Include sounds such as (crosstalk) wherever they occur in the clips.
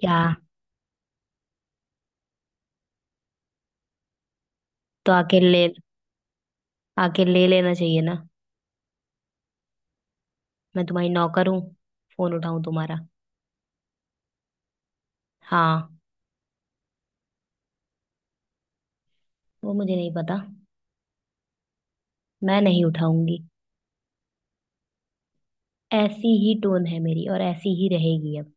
क्या? तो आके ले लेना चाहिए ना। मैं तुम्हारी नौकर हूँ? फोन उठाऊं तुम्हारा? हाँ। वो मुझे नहीं पता। मैं नहीं उठाऊंगी। ऐसी ही टोन है मेरी और ऐसी ही रहेगी अब।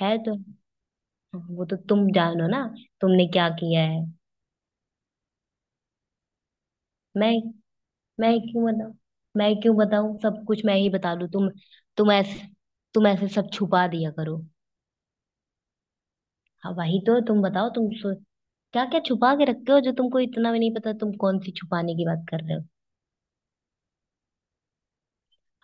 है तो। वो तो तुम जानो ना। तुमने क्या किया है? मैं मैं क्यों बताऊं? मैं क्यों बताऊं, सब कुछ मैं ही बता दूं? तुम। तुम ऐसे तुम ऐसे सब छुपा दिया करो। हाँ, वही तो तुम बताओ। तुम सो, क्या क्या छुपा के रखते हो जो तुमको इतना भी नहीं पता तुम कौन सी छुपाने की बात कर रहे हो।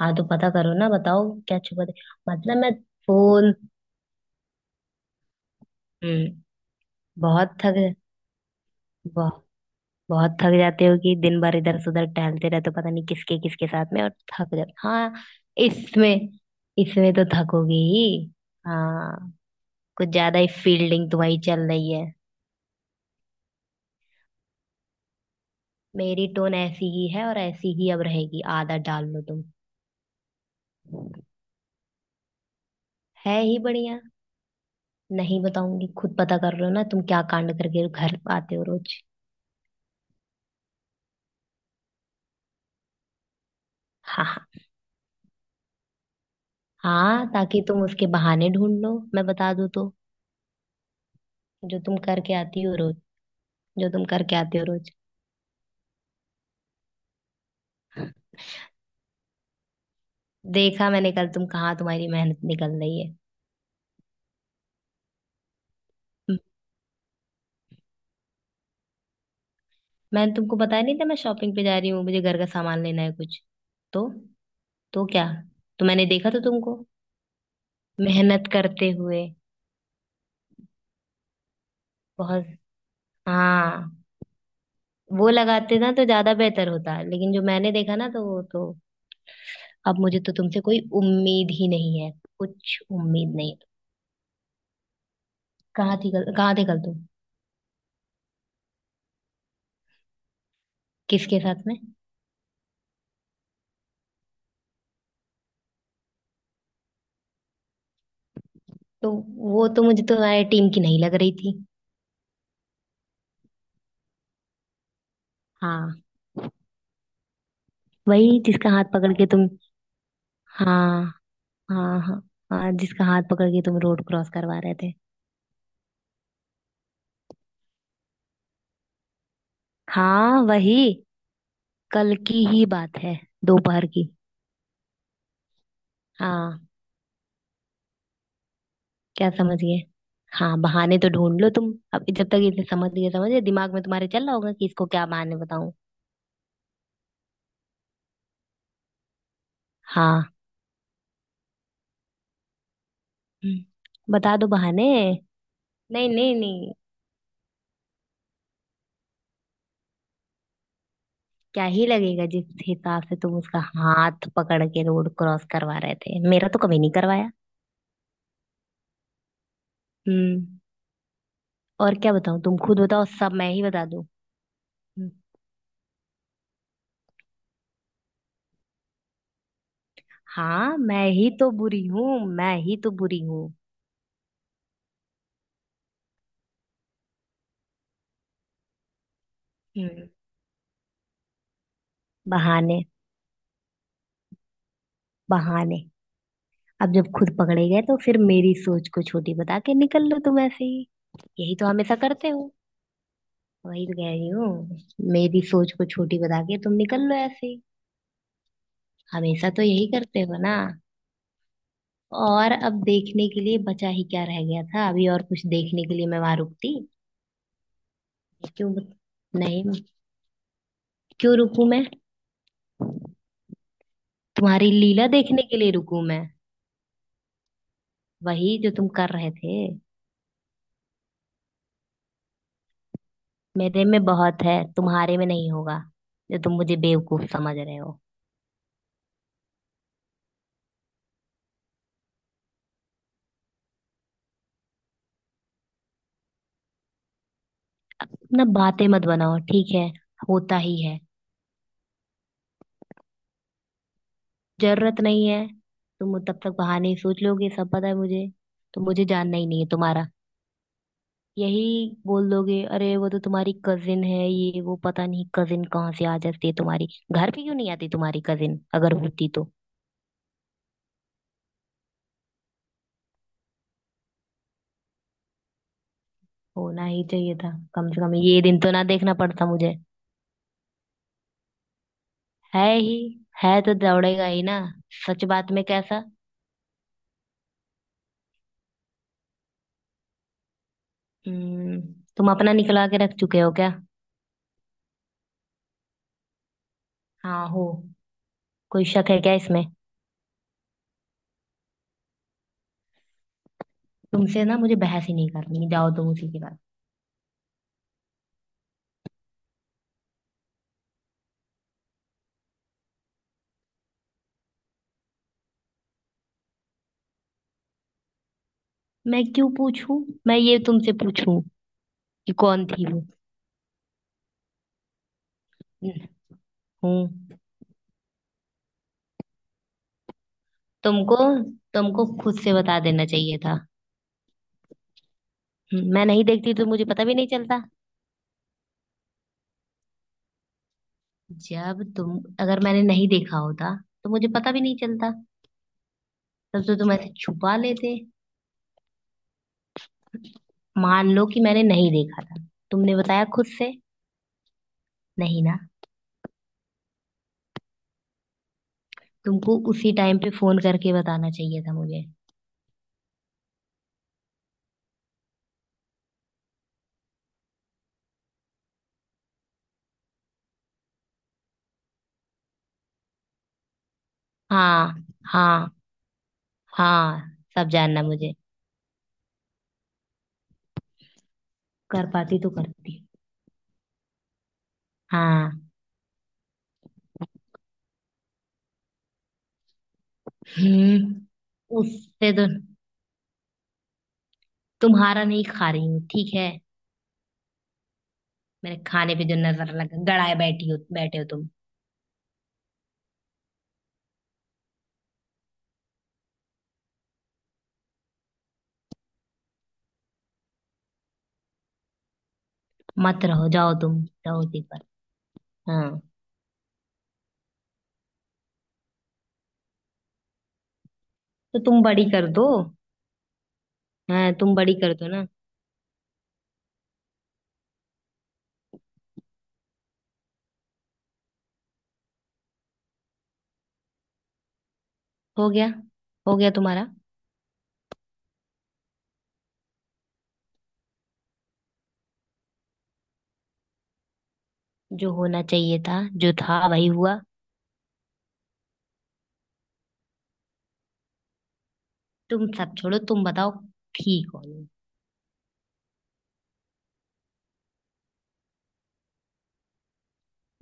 हाँ तो पता करो ना, बताओ क्या छुपा दे। मतलब मैं फूल हम्म बहुत थक बहुत बहुत थक जाते हो कि दिन भर इधर से उधर टहलते रहते हो, पता नहीं किसके किसके साथ में, और थक जाते। हाँ। इसमें इसमें तो थकोगे ही। हाँ। कुछ ज्यादा ही फील्डिंग तुम्हारी चल रही है। मेरी टोन ऐसी ही है और ऐसी ही अब रहेगी, आदत डाल लो तुम। है ही बढ़िया। नहीं बताऊंगी, खुद पता कर रहे हो ना तुम क्या कांड करके घर आते हो रोज। (laughs) हाँ, ताकि तुम उसके बहाने ढूंढ लो मैं बता दूँ तो। जो तुम करके आती हो रोज। जो तुम करके आते हो रोज। देखा मैंने कल, तुम कहाँ, तुम्हारी मेहनत निकल रही है। हम्म, मैंने तुमको बताया नहीं था, मैं शॉपिंग पे जा रही हूँ, मुझे घर का सामान लेना है कुछ। तो तो क्या? तो मैंने देखा तो तुमको मेहनत करते हुए। बहुत। हाँ, वो लगाते ना तो ज्यादा बेहतर होता, लेकिन जो मैंने देखा ना तो वो तो। अब मुझे तो तुमसे कोई उम्मीद ही नहीं है। कुछ उम्मीद नहीं। कहाँ थी कल, कहाँ थे कल तुम? किसके साथ में? तो। वो तो मुझे तुम्हारे टीम की नहीं लग रही थी। हाँ, वही जिसका हाथ पकड़ के तुम। हाँ, हाँ, हाँ। हाँ, जिसका हाथ पकड़ के तुम रोड क्रॉस करवा रहे थे। हाँ वही, कल की ही बात है। दोपहर की। हाँ। क्या समझिए? हाँ, बहाने तो ढूंढ लो तुम। अब जब तक इसे समझ गए समझे दिमाग में तुम्हारे चल रहा होगा कि इसको क्या बहाने बताऊं। हाँ। हम्म, बता दो बहाने। नहीं नहीं नहीं। क्या ही लगेगा, जिस हिसाब से तुम उसका हाथ पकड़ के रोड क्रॉस करवा रहे थे, मेरा तो कभी नहीं करवाया। हम्म। और क्या बताऊं, तुम खुद बताओ, सब मैं ही बता दूं? हम्म। हाँ, मैं ही तो बुरी हूँ, मैं ही तो बुरी हूँ। हम्म। बहाने, बहाने। अब जब खुद पकड़े गए तो फिर मेरी सोच को छोटी बता के निकल लो तुम ऐसे ही। यही तो हमेशा करते हो। वही तो कह रही हूँ। मेरी सोच को छोटी बता के तुम निकल लो ऐसे ही। हमेशा तो यही करते हो ना। और अब देखने के लिए बचा ही क्या रह गया था? अभी और कुछ देखने के लिए मैं वहां रुकती? क्यों बत- नहीं। क्यों रुकूं मैं? तुम्हारी लीला देखने के लिए रुकूं मैं? वही जो तुम कर रहे थे। मेरे में बहुत है, तुम्हारे में नहीं होगा। जो तुम मुझे बेवकूफ समझ रहे हो। ना, बातें मत बनाओ, ठीक है? होता ही है। जरूरत नहीं है। तुम तब तक बहाने ही सोच लोगे, सब पता है मुझे। तो मुझे जानना ही नहीं है तुम्हारा। यही बोल दोगे, अरे वो तो तुम्हारी कजिन है, ये वो। पता नहीं कजिन कहाँ से आ जाती है तुम्हारी, घर पे क्यों नहीं आती तुम्हारी कजिन अगर होती तो। होना ही चाहिए था, कम से कम ये दिन तो ना देखना पड़ता मुझे। है ही। है तो दौड़ेगा ही ना। सच बात में कैसा। हम्म। तुम अपना निकला के रख चुके हो क्या? हाँ हो। कोई शक है क्या इसमें? तुमसे ना मुझे बहस ही नहीं करनी, जाओ तुम उसी के बाद। मैं क्यों पूछूं? मैं ये तुमसे पूछूं कि कौन थी वो? हूँ। तुमको तुमको खुद से बता देना चाहिए था। मैं नहीं देखती तो मुझे पता भी नहीं चलता। जब तुम अगर मैंने नहीं देखा होता तो मुझे पता भी नहीं चलता। तब तो तुम ऐसे छुपा लेते। मान लो कि मैंने नहीं देखा था। तुमने बताया खुद से? नहीं ना। तुमको उसी टाइम पे फोन करके बताना चाहिए था मुझे। हाँ, हाँ, हाँ। सब जानना मुझे, कर पाती तो करती। हाँ। हम्म। उससे तो। तुम्हारा नहीं खा रही हूँ, ठीक है। मेरे खाने पे जो नजर लग गड़ाए बैठी हो बैठे हो तुम। मत रहो, जाओ तुम। रहो उसी पर। हाँ। तो तुम बड़ी कर दो। हाँ, तुम बड़ी कर दो ना। हो गया? हो गया तुम्हारा? जो होना चाहिए था, जो था वही हुआ। तुम सब छोड़ो, तुम बताओ। ठीक हो?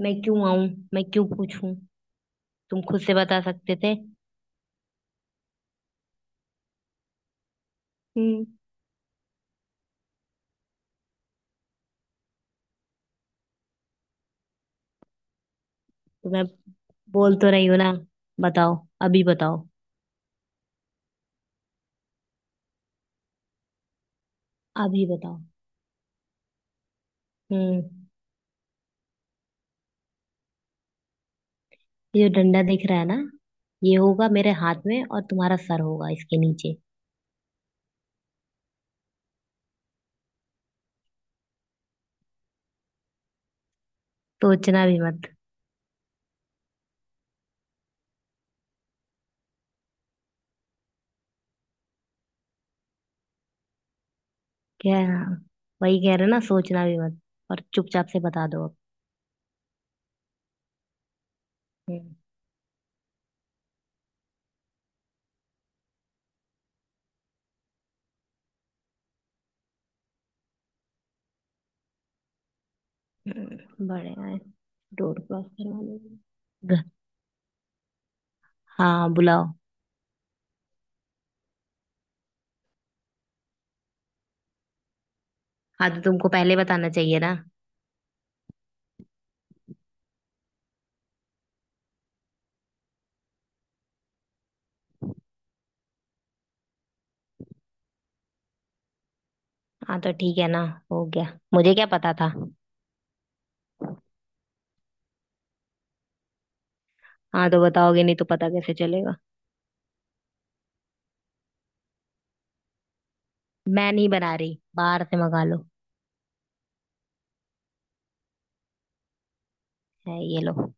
मैं क्यों आऊं? मैं क्यों पूछूं? तुम खुद से बता सकते थे। हम्म। तो मैं बोल तो रही हूँ ना। बताओ, अभी बताओ। अभी बताओ। हम्म। ये जो डंडा दिख रहा है ना, ये होगा मेरे हाथ में और तुम्हारा सर होगा इसके नीचे। सोचना भी मत। क्या है ना, वही कह रहे ना, सोचना भी मत। और चुपचाप से बता दो अब। बढ़िया है। रोड क्रॉस करवा देंगे। ग- हाँ बुलाओ। हाँ, तो तुमको पहले बताना चाहिए ना। हाँ, तो ठीक है ना। हो गया। मुझे क्या पता था। हाँ, तो बताओगे नहीं तो पता कैसे चलेगा। मैं नहीं बना रही, बाहर से मंगा लो। है, ये लो।